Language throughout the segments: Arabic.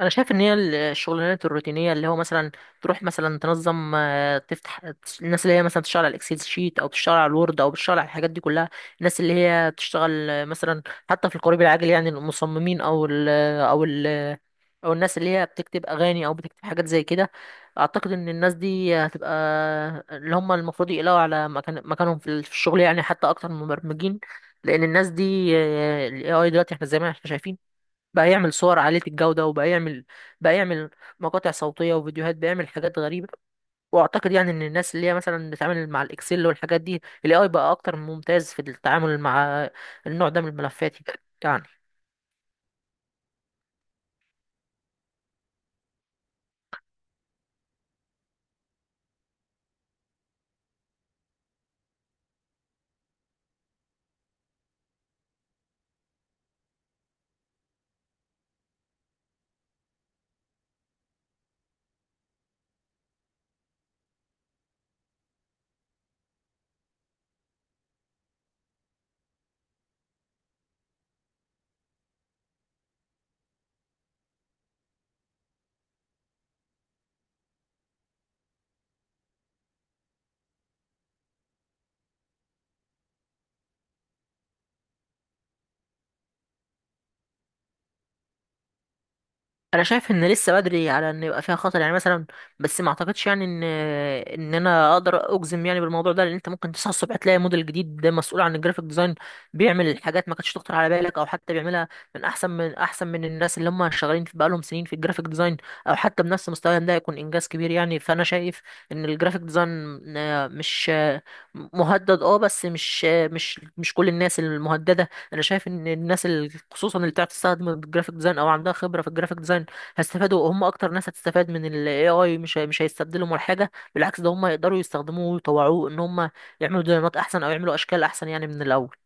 انا شايف ان هي الشغلانات الروتينيه اللي هو مثلا تروح مثلا تنظم تفتح الناس اللي هي مثلا تشتغل على الاكسل شيت او بتشتغل على الوورد او بتشتغل على الحاجات دي كلها. الناس اللي هي بتشتغل مثلا حتى في القريب العاجل يعني المصممين او ال او الناس اللي هي بتكتب اغاني او بتكتب حاجات زي كده. اعتقد ان الناس دي هتبقى اللي هم المفروض يقلقوا على مكانهم في الشغل، يعني حتى اكتر من المبرمجين، لان الناس دي الاي اي دلوقتي احنا زي ما احنا شايفين بقى يعمل صور عالية الجودة، وبقى يعمل بقى يعمل مقاطع صوتية وفيديوهات، بقى يعمل حاجات غريبة. واعتقد يعني ان الناس اللي هي مثلا بتتعامل مع الاكسل والحاجات دي، الاي اي بقى اكتر ممتاز في التعامل مع النوع ده من الملفات يعني. انا شايف ان لسه بدري على ان يبقى فيها خطر، يعني مثلا بس ما اعتقدش يعني ان انا اقدر اجزم يعني بالموضوع ده، لان انت ممكن تصحى الصبح تلاقي موديل جديد ده مسؤول عن الجرافيك ديزاين بيعمل حاجات ما كانتش تخطر على بالك، او حتى بيعملها من احسن من الناس اللي هم شغالين في بقالهم سنين في الجرافيك ديزاين، او حتى بنفس مستواهم ده يكون انجاز كبير يعني. فانا شايف ان الجرافيك ديزاين مش آه، مهدد اه، بس مش آه، مش مش كل الناس المهدده. انا شايف ان الناس اللي خصوصا اللي بتعرف تستخدم الجرافيك ديزاين او عندها خبره في الجرافيك ديزاين هيستفادوا، هم اكتر ناس هتستفاد من ال AI. مش هيستبدلوا ولا حاجه، بالعكس ده هم يقدروا يستخدموه ويطوعوه ان هم يعملوا ديزاينات احسن او يعملوا اشكال احسن يعني من الاول.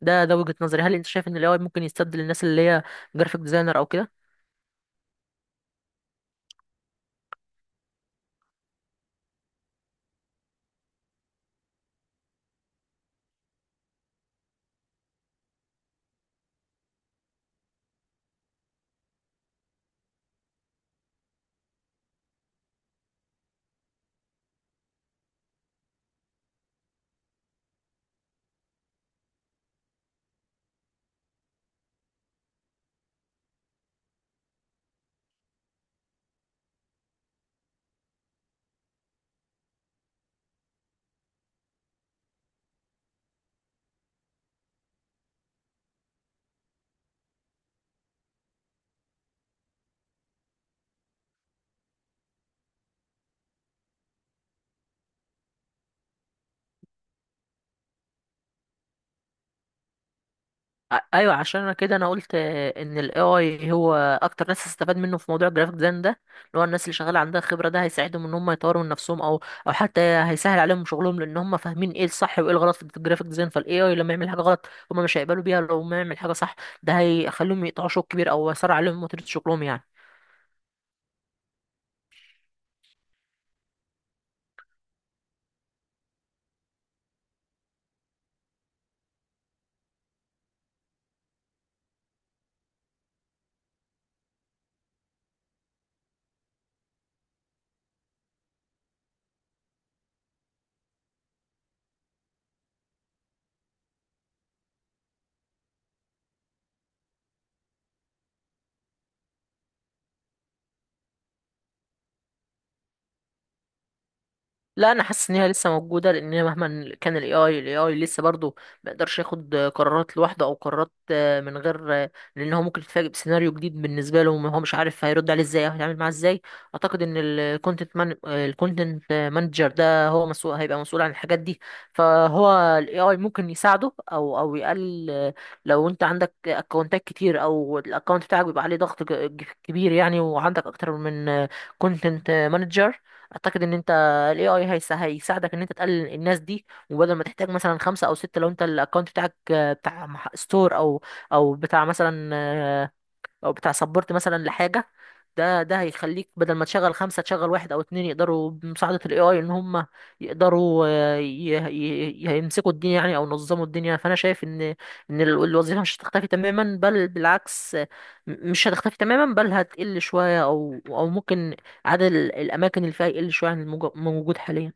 ده وجهة نظري. هل انت شايف ان ال AI ممكن يستبدل الناس اللي هي جرافيك ديزاينر او كده؟ ايوه، عشان انا كده انا قلت ان ال AI هو اكتر ناس هتستفاد منه في موضوع الجرافيك ديزاين ده، اللي هو الناس اللي شغاله عندها خبره، ده هيساعدهم ان هم يطوروا من نفسهم، او او حتى هيسهل عليهم شغلهم، لان هم فاهمين ايه الصح وايه الغلط في الجرافيك ديزاين. فال AI لما يعمل حاجه غلط هم مش هيقبلوا بيها، لو ما يعمل حاجه صح ده هيخليهم يقطعوا شوط كبير او يسرع عليهم وتيره شغلهم يعني. لا، انا حاسس ان هي لسه موجوده، لان مهما كان الاي اي لسه برضه ما يقدرش ياخد قرارات لوحده، او قرارات من غير لان هو ممكن يتفاجئ بسيناريو جديد بالنسبه له، هو مش عارف هيرد عليه ازاي او هيتعامل معاه ازاي. اعتقد ان الكونتنت مانجر ده هو مسؤول، هيبقى مسؤول عن الحاجات دي. فهو الاي اي ممكن يساعده او او يقلل لو انت عندك اكونتات كتير، او الاكونت بتاعك بيبقى عليه ضغط كبير يعني، وعندك اكتر من كونتنت مانجر، اعتقد ان انت فالاي اي هيساعدك ان انت تقلل الناس دي. وبدل ما تحتاج مثلا خمسة او ستة، لو انت الاكونت بتاعك بتاع ستور، او او بتاع مثلا، او بتاع سبورت مثلا لحاجه، ده هيخليك بدل ما تشغل خمسه تشغل واحد او اتنين، يقدروا بمساعده الاي اي ان هم يقدروا يمسكوا الدنيا يعني او ينظموا الدنيا. فانا شايف ان الوظيفه مش هتختفي تماما، بل بالعكس، مش هتختفي تماما، بل هتقل شويه او او ممكن عدد الاماكن اللي فيها يقل شويه عن الموجود حاليا.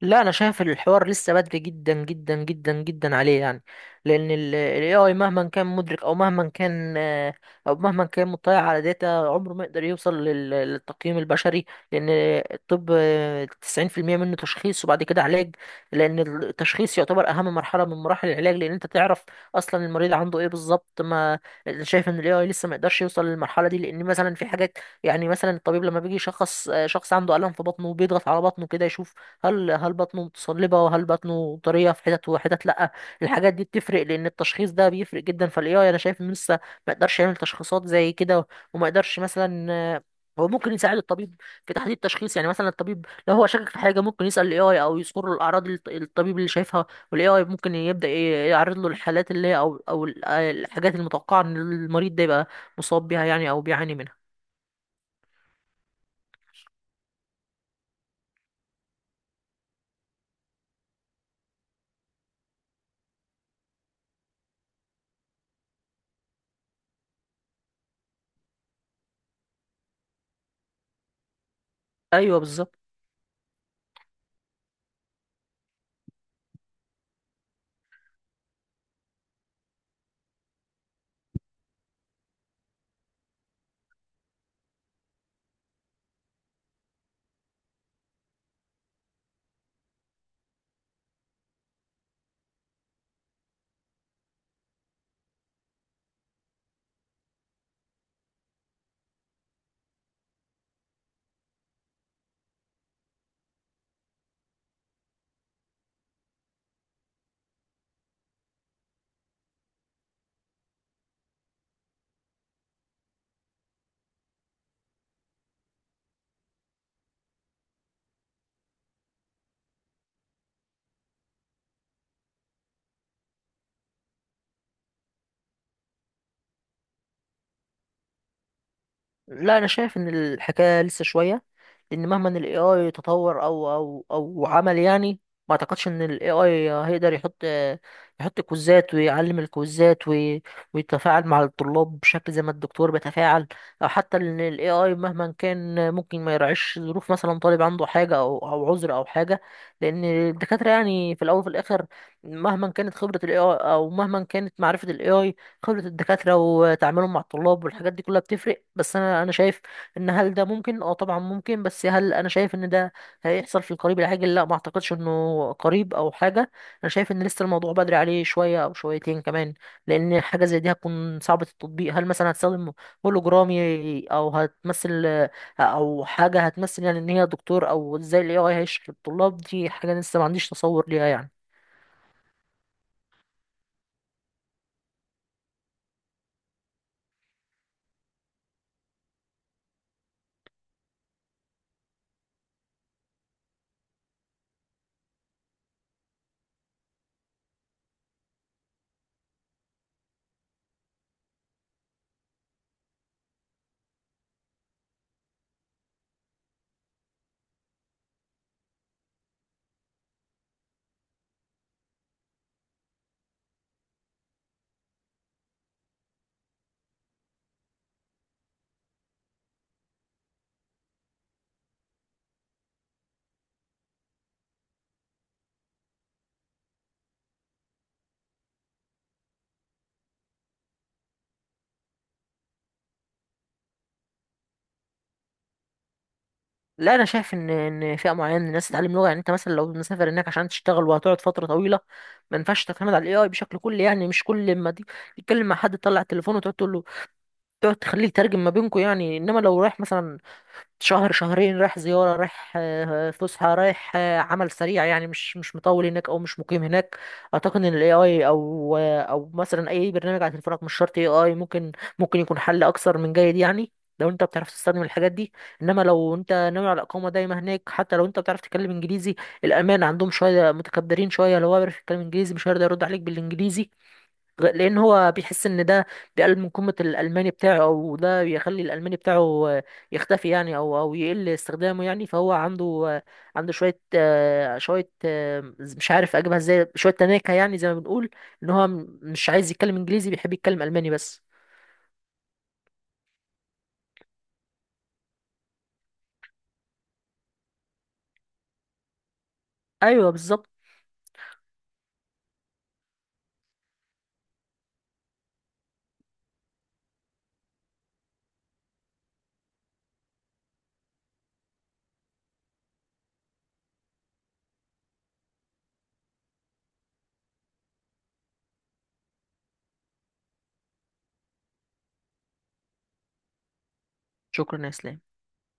لا، انا شايف الحوار لسه بدري جدا جدا جدا جدا عليه يعني، لان ال AI مهما كان مدرك او مهما كان او مهما كان مطلع على داتا، عمره ما يقدر يوصل للتقييم البشري. لان الطب 90% منه تشخيص وبعد كده علاج، لان التشخيص يعتبر اهم مرحلة من مراحل العلاج، لان انت تعرف اصلا المريض عنده ايه بالظبط. ما أنا شايف ان ال AI لسه ما يقدرش يوصل للمرحلة دي، لان مثلا في حاجات يعني مثلا الطبيب لما بيجي يشخص شخص عنده ألم في بطنه وبيضغط على بطنه كده يشوف هل بطنه متصلبة وهل بطنه طرية في حتت وحتت لأ. الحاجات دي بتفرق، لأن التشخيص ده بيفرق جدا. فالاي اي أنا شايف إنه لسه ما يقدرش يعمل تشخيصات زي كده، وما يقدرش مثلا هو ممكن يساعد الطبيب في تحديد التشخيص. يعني مثلا الطبيب لو هو شاكك في حاجة ممكن يسأل الاي اي، أو يذكر له الأعراض اللي الطبيب اللي شايفها، والاي اي ممكن يبدأ يعرض له الحالات اللي هي، أو الحاجات المتوقعة إن المريض ده يبقى مصاب بيها يعني أو بيعاني منها. أيوه، بالظبط. لا، انا شايف ان الحكايه لسه شويه، لان مهما ان الاي اي تطور او او او عمل، يعني ما اعتقدش ان الاي اي هيقدر يحط كوزات ويعلم الكوزات ويتفاعل مع الطلاب بشكل زي ما الدكتور بيتفاعل. او حتى ان الاي اي مهما كان ممكن ما يراعيش ظروف مثلا طالب عنده حاجه او او عذر او حاجه، لان الدكاتره يعني في الاول وفي الاخر مهما كانت خبره الاي اي او مهما كانت معرفه الاي اي، خبرة الدكاترة وتعاملهم مع الطلاب والحاجات دي كلها بتفرق. بس أنا شايف إن هل ده ممكن؟ أه طبعا ممكن، بس هل أنا شايف إن ده هيحصل في القريب العاجل؟ لا، ما أعتقدش إنه قريب أو حاجة. أنا شايف إن لسه الموضوع بدري عليه شوية أو شويتين كمان، لأن حاجة زي دي هتكون صعبة التطبيق. هل مثلا هتستخدم هولوجرامي أو هتمثل أو حاجة هتمثل يعني إن هي دكتور، أو إزاي ال AI هيشرح للطلاب؟ دي حاجة لسه ما عنديش تصور ليها يعني. لا، انا شايف ان ان فئه معينه من الناس تتعلم لغه، يعني انت مثلا لو مسافر هناك عشان تشتغل وهتقعد فتره طويله، ما ينفعش تعتمد على الاي اي بشكل كلي، يعني مش كل ما دي تتكلم مع حد تطلع التليفون وتقعد تقول له، تقعد تخليه يترجم ما بينكم يعني. انما لو رايح مثلا شهر شهرين، رايح زيارة، رايح فسحة، رايح عمل سريع يعني، مش مطول هناك او مش مقيم هناك، اعتقد ان الاي اي او او مثلا اي برنامج على تليفونك مش شرط اي اي، ممكن يكون حل اكثر من جيد يعني، لو انت بتعرف تستخدم الحاجات دي. انما لو انت ناوي على اقامة دايمة هناك، حتى لو انت بتعرف تتكلم انجليزي، الامان عندهم شوية متكبرين شوية، لو هو بيعرف يتكلم انجليزي مش هيقدر يرد عليك بالانجليزي، لان هو بيحس ان ده بيقلل من قيمه الالماني بتاعه، او ده بيخلي الالماني بتاعه يختفي يعني، او او يقل استخدامه يعني. فهو عنده عنده شويه شويه مش عارف اجيبها ازاي، شويه تناكه يعني زي ما بنقول، ان هو مش عايز يتكلم انجليزي، بيحب يتكلم الماني بس. ايوه، بالظبط. شكرا يا اسلام.